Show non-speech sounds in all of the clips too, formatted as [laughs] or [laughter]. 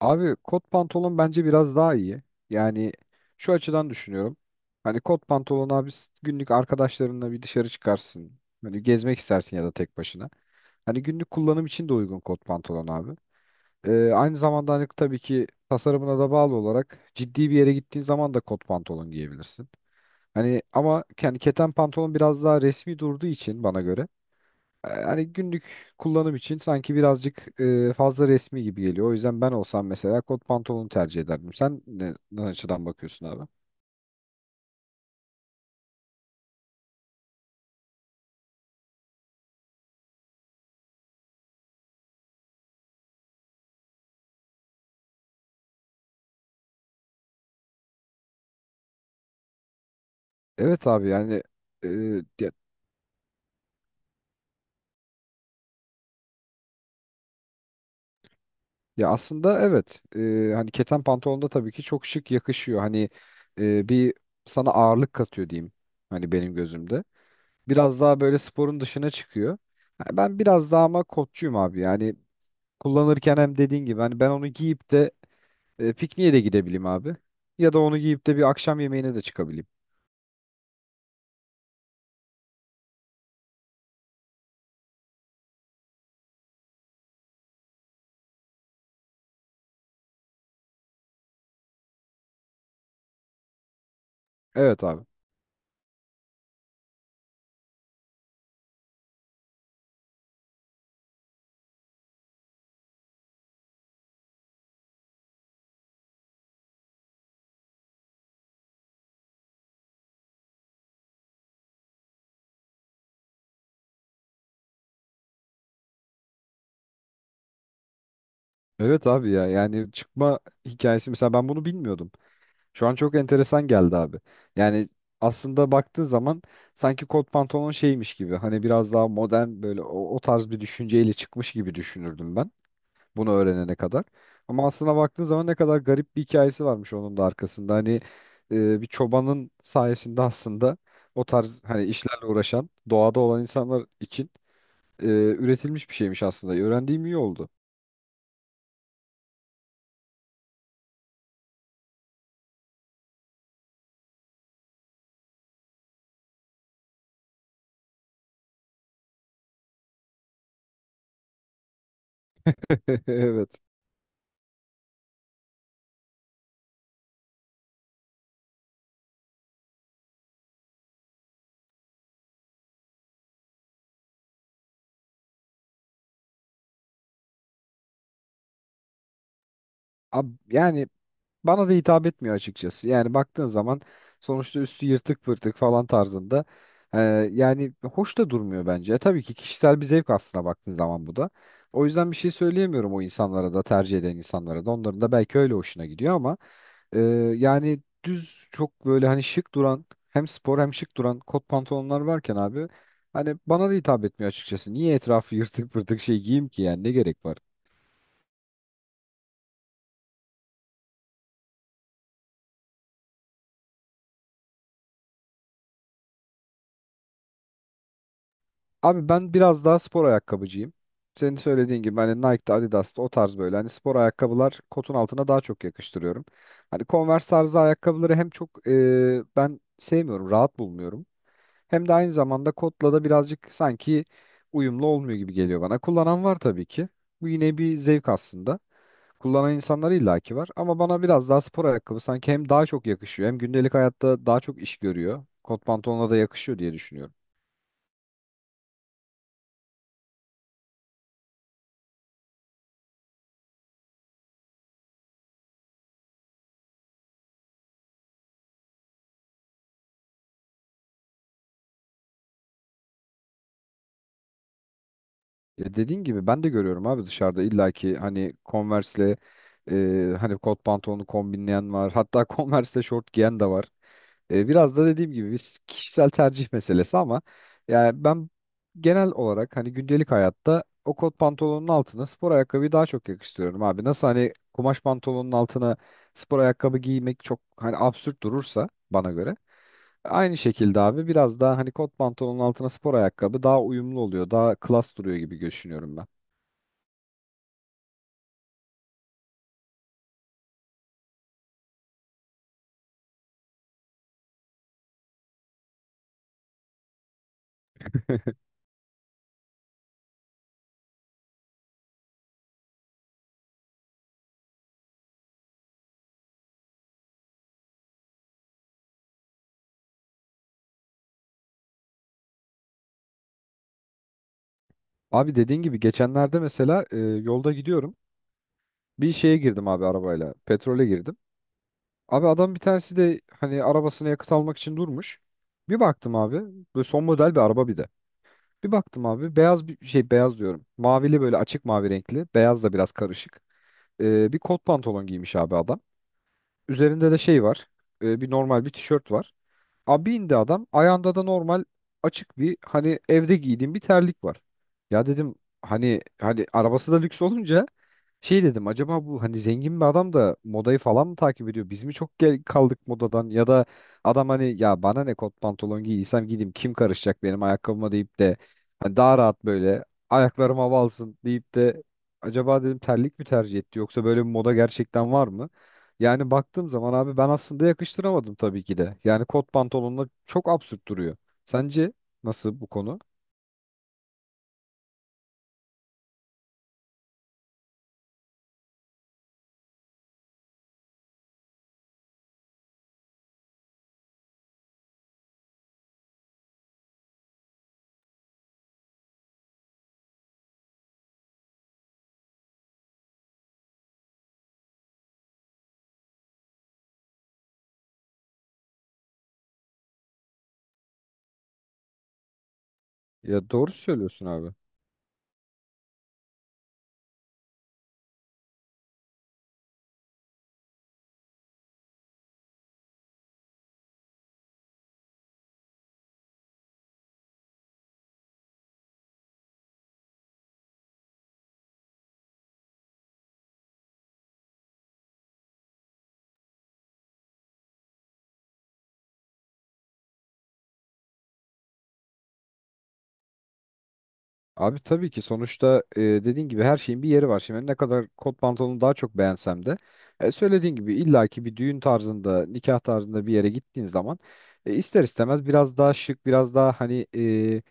Abi kot pantolon bence biraz daha iyi. Yani, şu açıdan düşünüyorum. Hani kot pantolon abi günlük arkadaşlarınla bir dışarı çıkarsın. Hani gezmek istersin ya da tek başına. Hani günlük kullanım için de uygun kot pantolon abi. Aynı zamanda hani tabii ki tasarımına da bağlı olarak ciddi bir yere gittiğin zaman da kot pantolon giyebilirsin. Hani ama yani keten pantolon biraz daha resmi durduğu için bana göre hani günlük kullanım için sanki birazcık fazla resmi gibi geliyor. O yüzden ben olsam mesela kot pantolonu tercih ederdim. Sen ne açıdan bakıyorsun abi? Evet abi yani. e, ya, aslında evet. Hani keten pantolon da tabii ki çok şık yakışıyor. Hani bir sana ağırlık katıyor diyeyim hani benim gözümde. Biraz daha böyle sporun dışına çıkıyor. Ha, Ben biraz daha ama kotçuyum abi yani kullanırken hem dediğin gibi hani ben onu giyip de pikniğe de gidebileyim abi. Ya da onu giyip de bir akşam yemeğine de çıkabileyim. Evet abi. Evet abi ya, yani çıkma hikayesi mesela ben bunu bilmiyordum. Şu an çok enteresan geldi abi. Yani aslında baktığın zaman sanki kot pantolon şeymiş gibi hani biraz daha modern böyle o tarz bir düşünceyle çıkmış gibi düşünürdüm ben bunu öğrenene kadar. Ama aslına baktığın zaman ne kadar garip bir hikayesi varmış onun da arkasında. Hani bir çobanın sayesinde aslında o tarz hani işlerle uğraşan doğada olan insanlar için üretilmiş bir şeymiş aslında. Öğrendiğim iyi oldu. [laughs] Evet. Yani bana da hitap etmiyor açıkçası. Yani baktığın zaman sonuçta üstü yırtık pırtık falan tarzında. E, Yani hoş da durmuyor bence. Tabii ki kişisel bir zevk aslına baktığın zaman bu da. O yüzden bir şey söyleyemiyorum o insanlara da, tercih eden insanlara da. Onların da belki öyle hoşuna gidiyor ama Ee, yani düz çok böyle hani şık duran, hem spor hem şık duran kot pantolonlar varken abi, hani bana da hitap etmiyor açıkçası. Niye etrafı [laughs] yırtık pırtık şey giyeyim ki yani, ne gerek var? Abi ben biraz daha spor ayakkabıcıyım. Senin söylediğin gibi hani Nike'da, Adidas'ta o tarz böyle hani spor ayakkabılar kotun altına daha çok yakıştırıyorum. Hani Converse tarzı ayakkabıları hem çok ben sevmiyorum, rahat bulmuyorum. Hem de aynı zamanda kodla da birazcık sanki uyumlu olmuyor gibi geliyor bana. Kullanan var tabii ki. Bu yine bir zevk aslında. Kullanan insanlar illaki var ama bana biraz daha spor ayakkabı sanki hem daha çok yakışıyor, hem gündelik hayatta daha çok iş görüyor. Kot pantolonla da yakışıyor diye düşünüyorum. Ya dediğin gibi ben de görüyorum abi, dışarıda illaki hani Converse'le hani kot pantolonu kombinleyen var. Hatta [laughs] Converse'le şort giyen de var. Biraz da dediğim gibi biz, kişisel tercih meselesi ama yani ben genel olarak hani gündelik hayatta o kot pantolonun altına spor ayakkabıyı daha çok yakıştırıyorum abi. Nasıl hani kumaş pantolonun altına spor ayakkabı giymek çok hani absürt durursa bana göre. Aynı şekilde abi biraz daha hani kot pantolonun altına spor ayakkabı daha uyumlu oluyor. Daha klas duruyor gibi düşünüyorum ben. Abi dediğin gibi geçenlerde mesela yolda gidiyorum. Bir şeye girdim abi arabayla. Petrole girdim. Abi adam bir tanesi de hani arabasına yakıt almak için durmuş. Bir baktım abi. Böyle son model bir araba bir de. Bir baktım abi, beyaz bir şey, beyaz diyorum. Mavili böyle, açık mavi renkli. Beyaz da biraz karışık. Bir kot pantolon giymiş abi adam. Üzerinde de şey var. Bir normal bir tişört var. Abi indi adam. Ayağında da normal açık bir, hani evde giydiğim bir terlik var. Ya dedim, hani arabası da lüks [laughs] olunca, şey dedim, acaba bu hani zengin bir adam da modayı falan mı takip ediyor? Biz mi çok gel kaldık modadan, ya da adam hani ya, bana ne, kot pantolon giydiysem gideyim, kim karışacak benim ayakkabıma deyip de hani daha rahat, böyle ayaklarım hava alsın deyip de acaba dedim terlik mi tercih etti, yoksa böyle bir moda gerçekten var mı? Yani baktığım zaman abi ben aslında yakıştıramadım tabii ki de. Yani kot pantolonla çok absürt duruyor. Sence nasıl bu konu? Ya doğru söylüyorsun abi. Abi tabii ki sonuçta dediğin gibi her şeyin bir yeri var. Şimdi ne kadar kot pantolonu daha çok beğensem de söylediğin gibi illaki bir düğün tarzında, nikah tarzında bir yere gittiğin zaman ister istemez biraz daha şık, biraz daha hani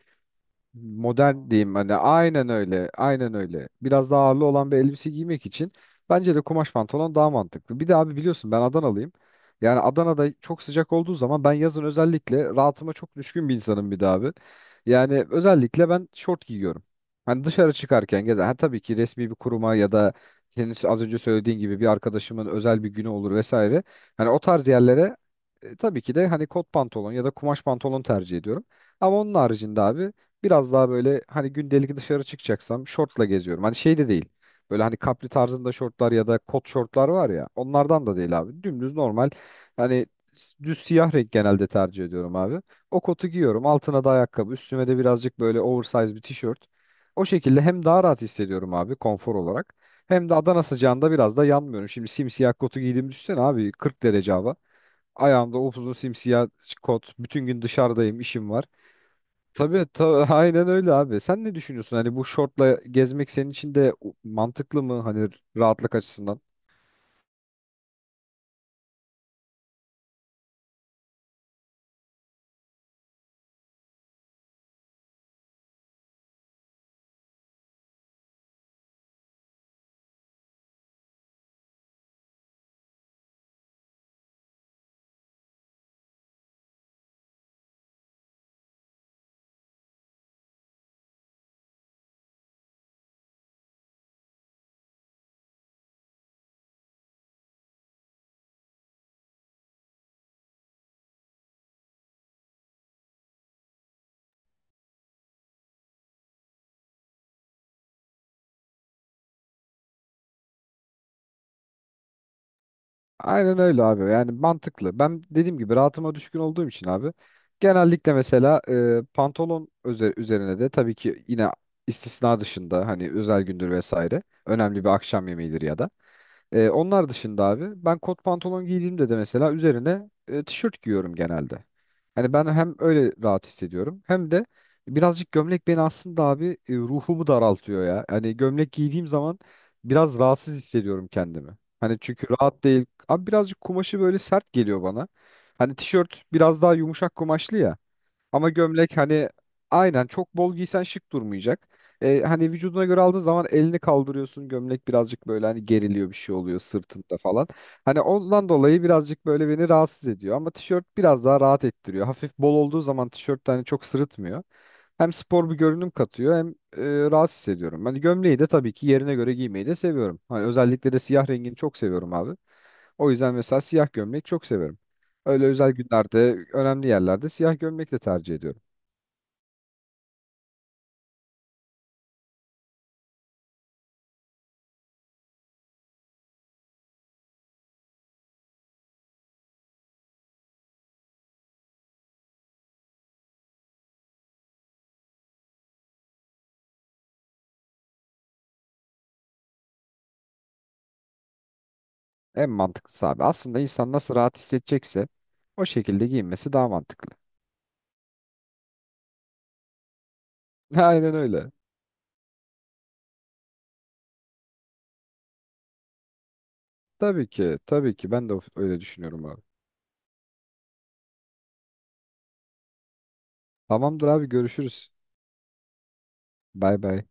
modern diyeyim, hani aynen öyle, aynen öyle, biraz daha ağırlı olan bir elbise giymek için bence de kumaş pantolon daha mantıklı. Bir de abi biliyorsun ben Adanalıyım. Yani Adana'da çok sıcak olduğu zaman, ben yazın özellikle rahatıma çok düşkün bir insanım bir de abi. Yani özellikle ben şort giyiyorum. Hani dışarı çıkarken gezer. Ha tabii ki resmi bir kuruma ya da senin az önce söylediğin gibi bir arkadaşımın özel bir günü olur vesaire. Hani o tarz yerlere tabii ki de hani kot pantolon ya da kumaş pantolon tercih ediyorum. Ama onun haricinde abi, biraz daha böyle hani gündelik dışarı çıkacaksam şortla geziyorum. Hani şey de değil. Böyle hani kapri tarzında şortlar ya da kot şortlar var ya. Onlardan da değil abi. Dümdüz normal. Hani düz siyah renk genelde tercih ediyorum abi. O kotu giyiyorum. Altına da ayakkabı. Üstüme de birazcık böyle oversize bir tişört. O şekilde hem daha rahat hissediyorum abi, konfor olarak. Hem de Adana sıcağında biraz da yanmıyorum. Şimdi simsiyah kotu giydiğimi düşünsene abi. 40 derece hava. Ayağımda upuzun simsiyah kot. Bütün gün dışarıdayım, işim var. Tabii, tabii [laughs] aynen öyle abi. Sen ne düşünüyorsun? Hani bu şortla gezmek senin için de mantıklı mı? Hani rahatlık açısından. Aynen öyle abi. Yani mantıklı. Ben dediğim gibi rahatıma düşkün olduğum için abi. Genellikle mesela pantolon üzerine de tabii ki yine, istisna dışında hani özel gündür vesaire. Önemli bir akşam yemeğidir ya da. Onlar dışında abi, ben kot pantolon giydiğimde de mesela üzerine tişört giyiyorum genelde. Hani ben hem öyle rahat hissediyorum hem de birazcık gömlek beni aslında abi ruhumu daraltıyor ya. Hani gömlek giydiğim zaman biraz rahatsız hissediyorum kendimi. Hani çünkü rahat değil. Abi birazcık kumaşı böyle sert geliyor bana. Hani tişört biraz daha yumuşak kumaşlı ya. Ama gömlek hani aynen, çok bol giysen şık durmayacak. Hani vücuduna göre aldığın zaman elini kaldırıyorsun. Gömlek birazcık böyle hani geriliyor, bir şey oluyor sırtında falan. Hani ondan dolayı birazcık böyle beni rahatsız ediyor. Ama tişört biraz daha rahat ettiriyor. Hafif bol olduğu zaman tişört de hani çok sırıtmıyor. Hem spor bir görünüm katıyor, hem rahat hissediyorum. Hani gömleği de tabii ki yerine göre giymeyi de seviyorum. Hani özellikle de siyah rengini çok seviyorum abi. O yüzden mesela siyah gömlek çok severim. Öyle özel günlerde, önemli yerlerde siyah gömlek de tercih ediyorum. En mantıklısı abi. Aslında insan nasıl rahat hissedecekse o şekilde giyinmesi daha mantıklı. [laughs] Aynen öyle. Tabii ki, tabii ki. Ben de öyle düşünüyorum abi. Tamamdır abi, görüşürüz. Bay bay.